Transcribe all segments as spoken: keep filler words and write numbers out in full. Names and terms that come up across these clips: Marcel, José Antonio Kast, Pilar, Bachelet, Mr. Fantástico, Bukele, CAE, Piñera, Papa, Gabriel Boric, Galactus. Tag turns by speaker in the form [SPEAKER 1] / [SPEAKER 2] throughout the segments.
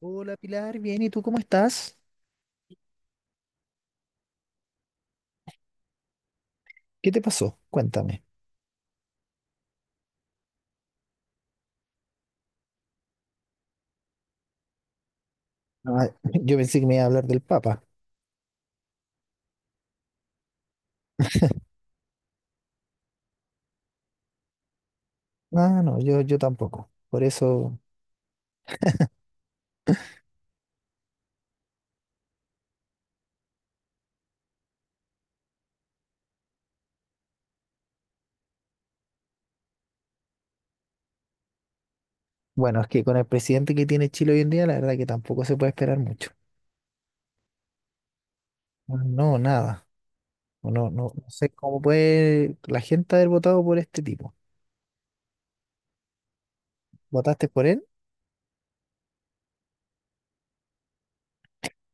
[SPEAKER 1] Hola Pilar, bien, ¿y tú cómo estás? ¿Qué te pasó? Cuéntame. Ah, yo pensé que me iba a hablar del Papa. Ah, no, yo, yo tampoco. Por eso, bueno, es que con el presidente que tiene Chile hoy en día, la verdad que tampoco se puede esperar mucho. Ah, no, nada. No, no, no sé cómo puede la gente haber votado por este tipo. ¿Votaste por él?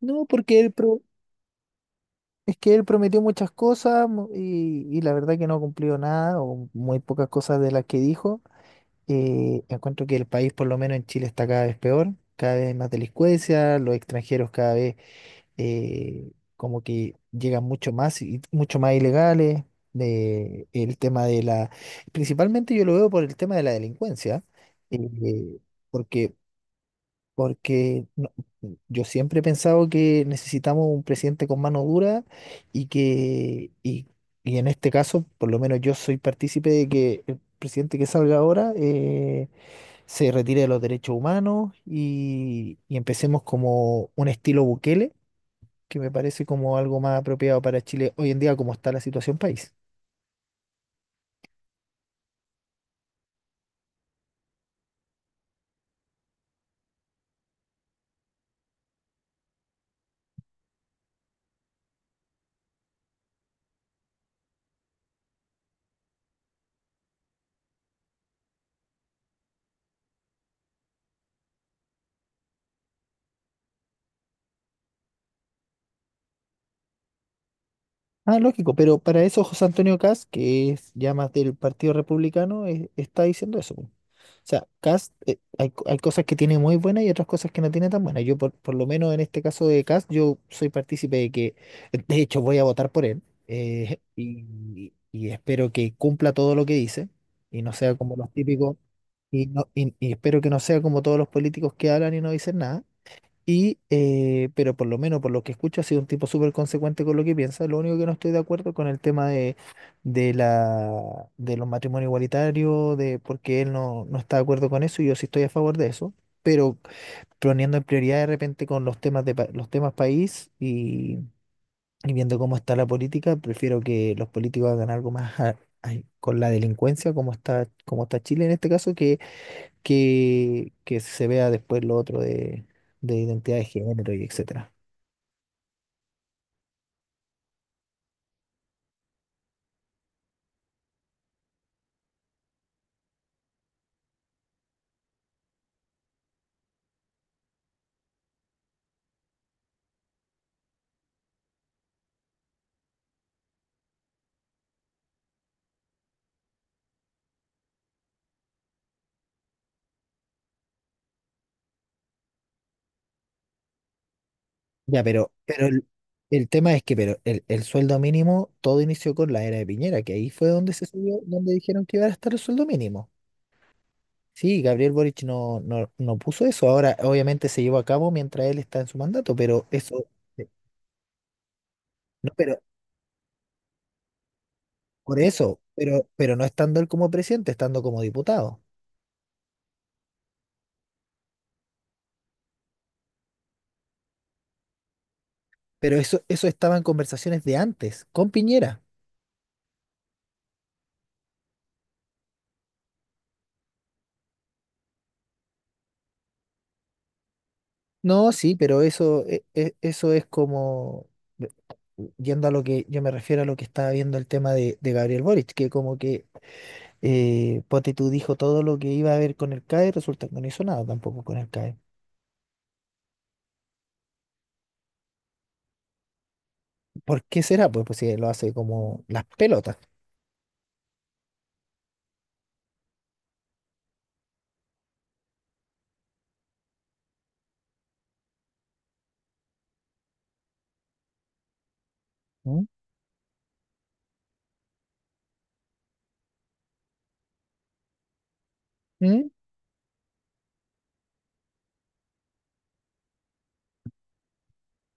[SPEAKER 1] No, porque él pro- es que él prometió muchas cosas mu- y, y la verdad que no cumplió nada o muy pocas cosas de las que dijo. Eh, encuentro que el país, por lo menos en Chile, está cada vez peor, cada vez hay más delincuencia, los extranjeros cada vez eh, como que llegan mucho más y mucho más ilegales. De- el tema de la, principalmente yo lo veo por el tema de la delincuencia, eh, porque, porque no- yo siempre he pensado que necesitamos un presidente con mano dura y que, y, y en este caso, por lo menos yo soy partícipe de que el presidente que salga ahora. Eh, se retire de los derechos humanos y, y empecemos como un estilo Bukele, que me parece como algo más apropiado para Chile hoy en día como está la situación país. Ah, lógico, pero para eso José Antonio Kast, que es ya más del Partido Republicano, eh, está diciendo eso. Sea, Cast, eh, hay, co- hay cosas que tiene muy buenas y otras cosas que no tiene tan buenas. Yo, por, por lo menos en este caso de Cast, yo soy partícipe de que, de hecho, voy a votar por él eh, y, y espero que cumpla todo lo que dice y no sea como los típicos, y, no, y, y espero que no sea como todos los políticos que hablan y no dicen nada. Y, eh, pero por lo menos por lo que escucho, ha sido un tipo súper consecuente con lo que piensa. Lo único que no estoy de acuerdo con el tema de, de la, de los matrimonios igualitarios, de porque él no, no está de acuerdo con eso y yo sí estoy a favor de eso. Pero poniendo en prioridad de repente con los temas de pa- los temas país y, y viendo cómo está la política, prefiero que los políticos hagan algo más a- ay, con la delincuencia, como está, como está Chile en este caso, que, que se vea después lo otro de, de identidad de género y etcétera. Ya, pero, pero el, el tema es que pero el, el sueldo mínimo, todo inició con la era de Piñera, que ahí fue donde se subió, donde dijeron que iba a estar el sueldo mínimo. Sí, Gabriel Boric no, no, no puso eso. Ahora, obviamente, se llevó a cabo mientras él está en su mandato, pero eso, eh, no, pero por eso, pero, pero no estando él como presidente, estando como diputado. Pero eso, eso estaba en conversaciones de antes, con Piñera. No, sí, pero eso, e- e- eso es como, yendo a lo que yo me refiero a lo que estaba viendo el tema de, de Gabriel Boric, que como que eh, ponte tú dijo todo lo que iba a haber con el C A E, resulta que no hizo nada tampoco con el C A E. ¿Por qué será? Pues, pues si lo hace como las pelotas. ¿Mm? ¿Mm?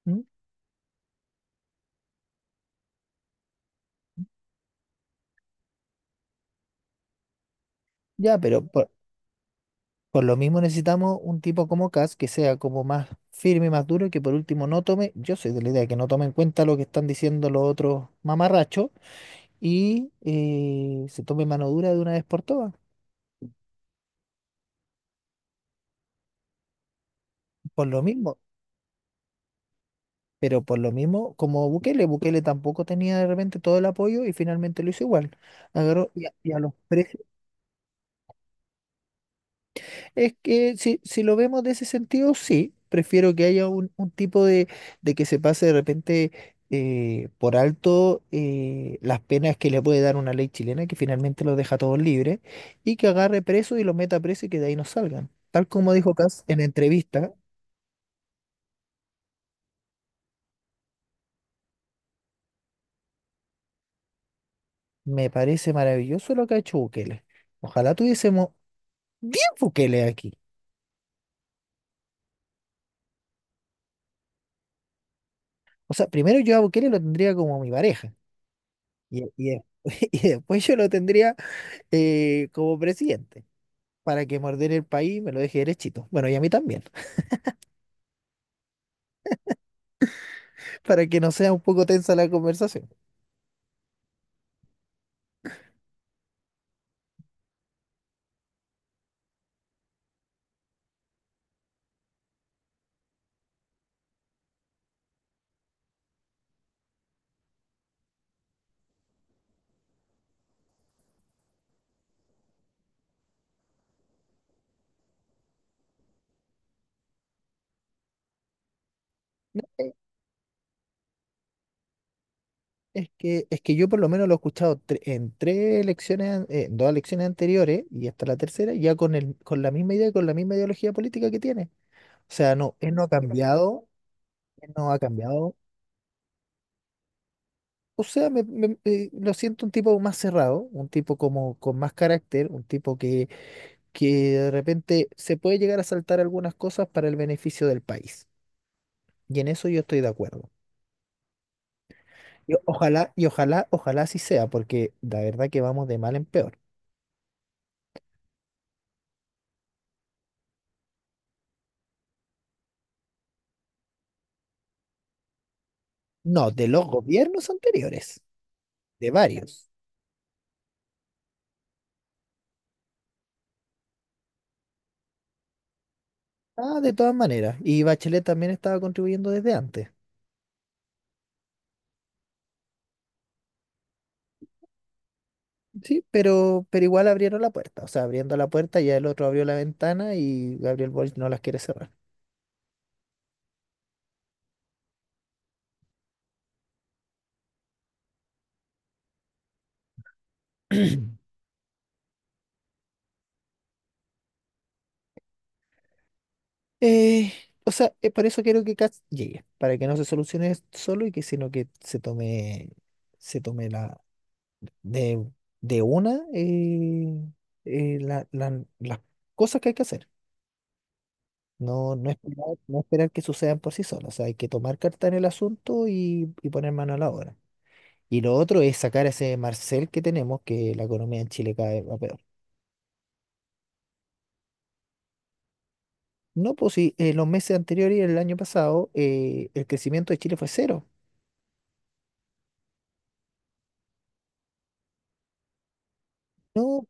[SPEAKER 1] ¿Mm? Ya, pero por, por lo mismo necesitamos un tipo como Cas que sea como más firme, más duro, y que por último no tome, yo soy de la idea de que no tome en cuenta lo que están diciendo los otros mamarrachos y eh, se tome mano dura de una vez por todas, por lo mismo, pero por lo mismo como Bukele, Bukele tampoco tenía de repente todo el apoyo y finalmente lo hizo igual, agarró y a, y a los precios. Es que si, si lo vemos de ese sentido, sí, prefiero que haya un, un tipo de, de que se pase de repente eh, por alto eh, las penas que le puede dar una ley chilena que finalmente los deja todos libres y que agarre preso y los meta preso y que de ahí no salgan. Tal como dijo Kass en entrevista, me parece maravilloso lo que ha hecho Bukele. Ojalá tuviésemos diez Bukele aquí. O sea, primero yo a Bukele lo tendría como mi pareja y, y y después yo lo tendría eh, como presidente para que morder el país y me lo deje derechito. Bueno, y a mí también, para que no sea un poco tensa la conversación. Eh, Es que, es que yo por lo menos lo he escuchado tre- en tres elecciones, an- eh, en dos elecciones anteriores y hasta la tercera, ya con, el, con la misma idea y con la misma ideología política que tiene. O sea, no, él no ha cambiado, él no ha cambiado. O sea, me, me- eh, lo siento un tipo más cerrado, un tipo como con más carácter, un tipo que, que de repente se puede llegar a saltar algunas cosas para el beneficio del país. Y en eso yo estoy de acuerdo. Y ojalá, y ojalá, ojalá así sea, porque la verdad que vamos de mal en peor. No, de los gobiernos anteriores, de varios. Ah, de todas maneras. Y Bachelet también estaba contribuyendo desde antes. Sí, pero, pero igual abrieron la puerta. O sea, abriendo la puerta ya el otro abrió la ventana y Gabriel Boric no las quiere cerrar. Eh, o sea, eh, por eso quiero que Katz llegue, para que no se solucione solo y que sino que se tome, se tome la de, de una eh, eh, la- la- las cosas que hay que hacer. No, no esperar, no esperar que sucedan por sí solas. O sea, hay que tomar carta en el asunto y, y poner mano a la obra. Y lo otro es sacar a ese Marcel que tenemos, que la economía en Chile cada vez va peor. No, pues sí, eh, los meses anteriores y el año pasado eh, el crecimiento de Chile fue cero. No,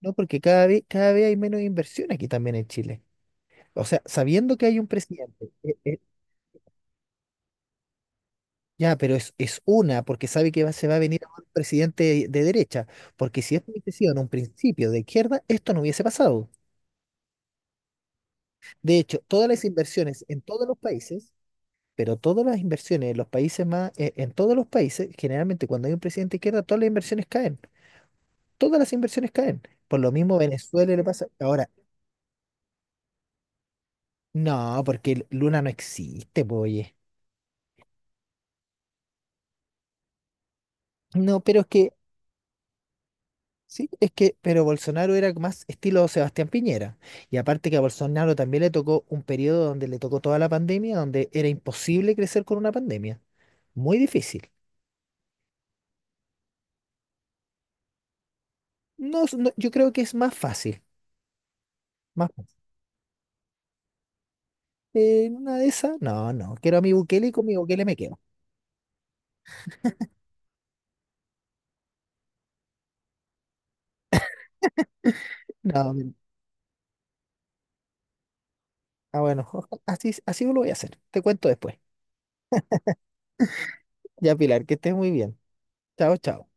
[SPEAKER 1] no, porque cada vez, cada vez hay menos inversión aquí también en Chile. O sea, sabiendo que hay un presidente, eh, eh, ya, pero es, es una, porque sabe que va- se va a venir un presidente de, de derecha, porque si esto hubiese sido en un principio de izquierda, esto no hubiese pasado. De hecho, todas las inversiones en todos los países, pero todas las inversiones en los países más, eh, en todos los países, generalmente cuando hay un presidente de izquierda, todas las inversiones caen, todas las inversiones caen. Por lo mismo Venezuela le pasa. Ahora, no, porque Luna no existe, pues, oye. No, pero es que sí, es que, pero Bolsonaro era más estilo Sebastián Piñera. Y aparte que a Bolsonaro también le tocó un periodo donde le tocó toda la pandemia, donde era imposible crecer con una pandemia. Muy difícil. No, es- no, yo creo que es más fácil. Más fácil. Eh, en una de esas, no, no. Quiero a mi Bukele y con mi Bukele me quedo. No, mi- ah, bueno, oja- así, así lo voy a hacer. Te cuento después. Ya, Pilar, que estés muy bien. Chao, chao.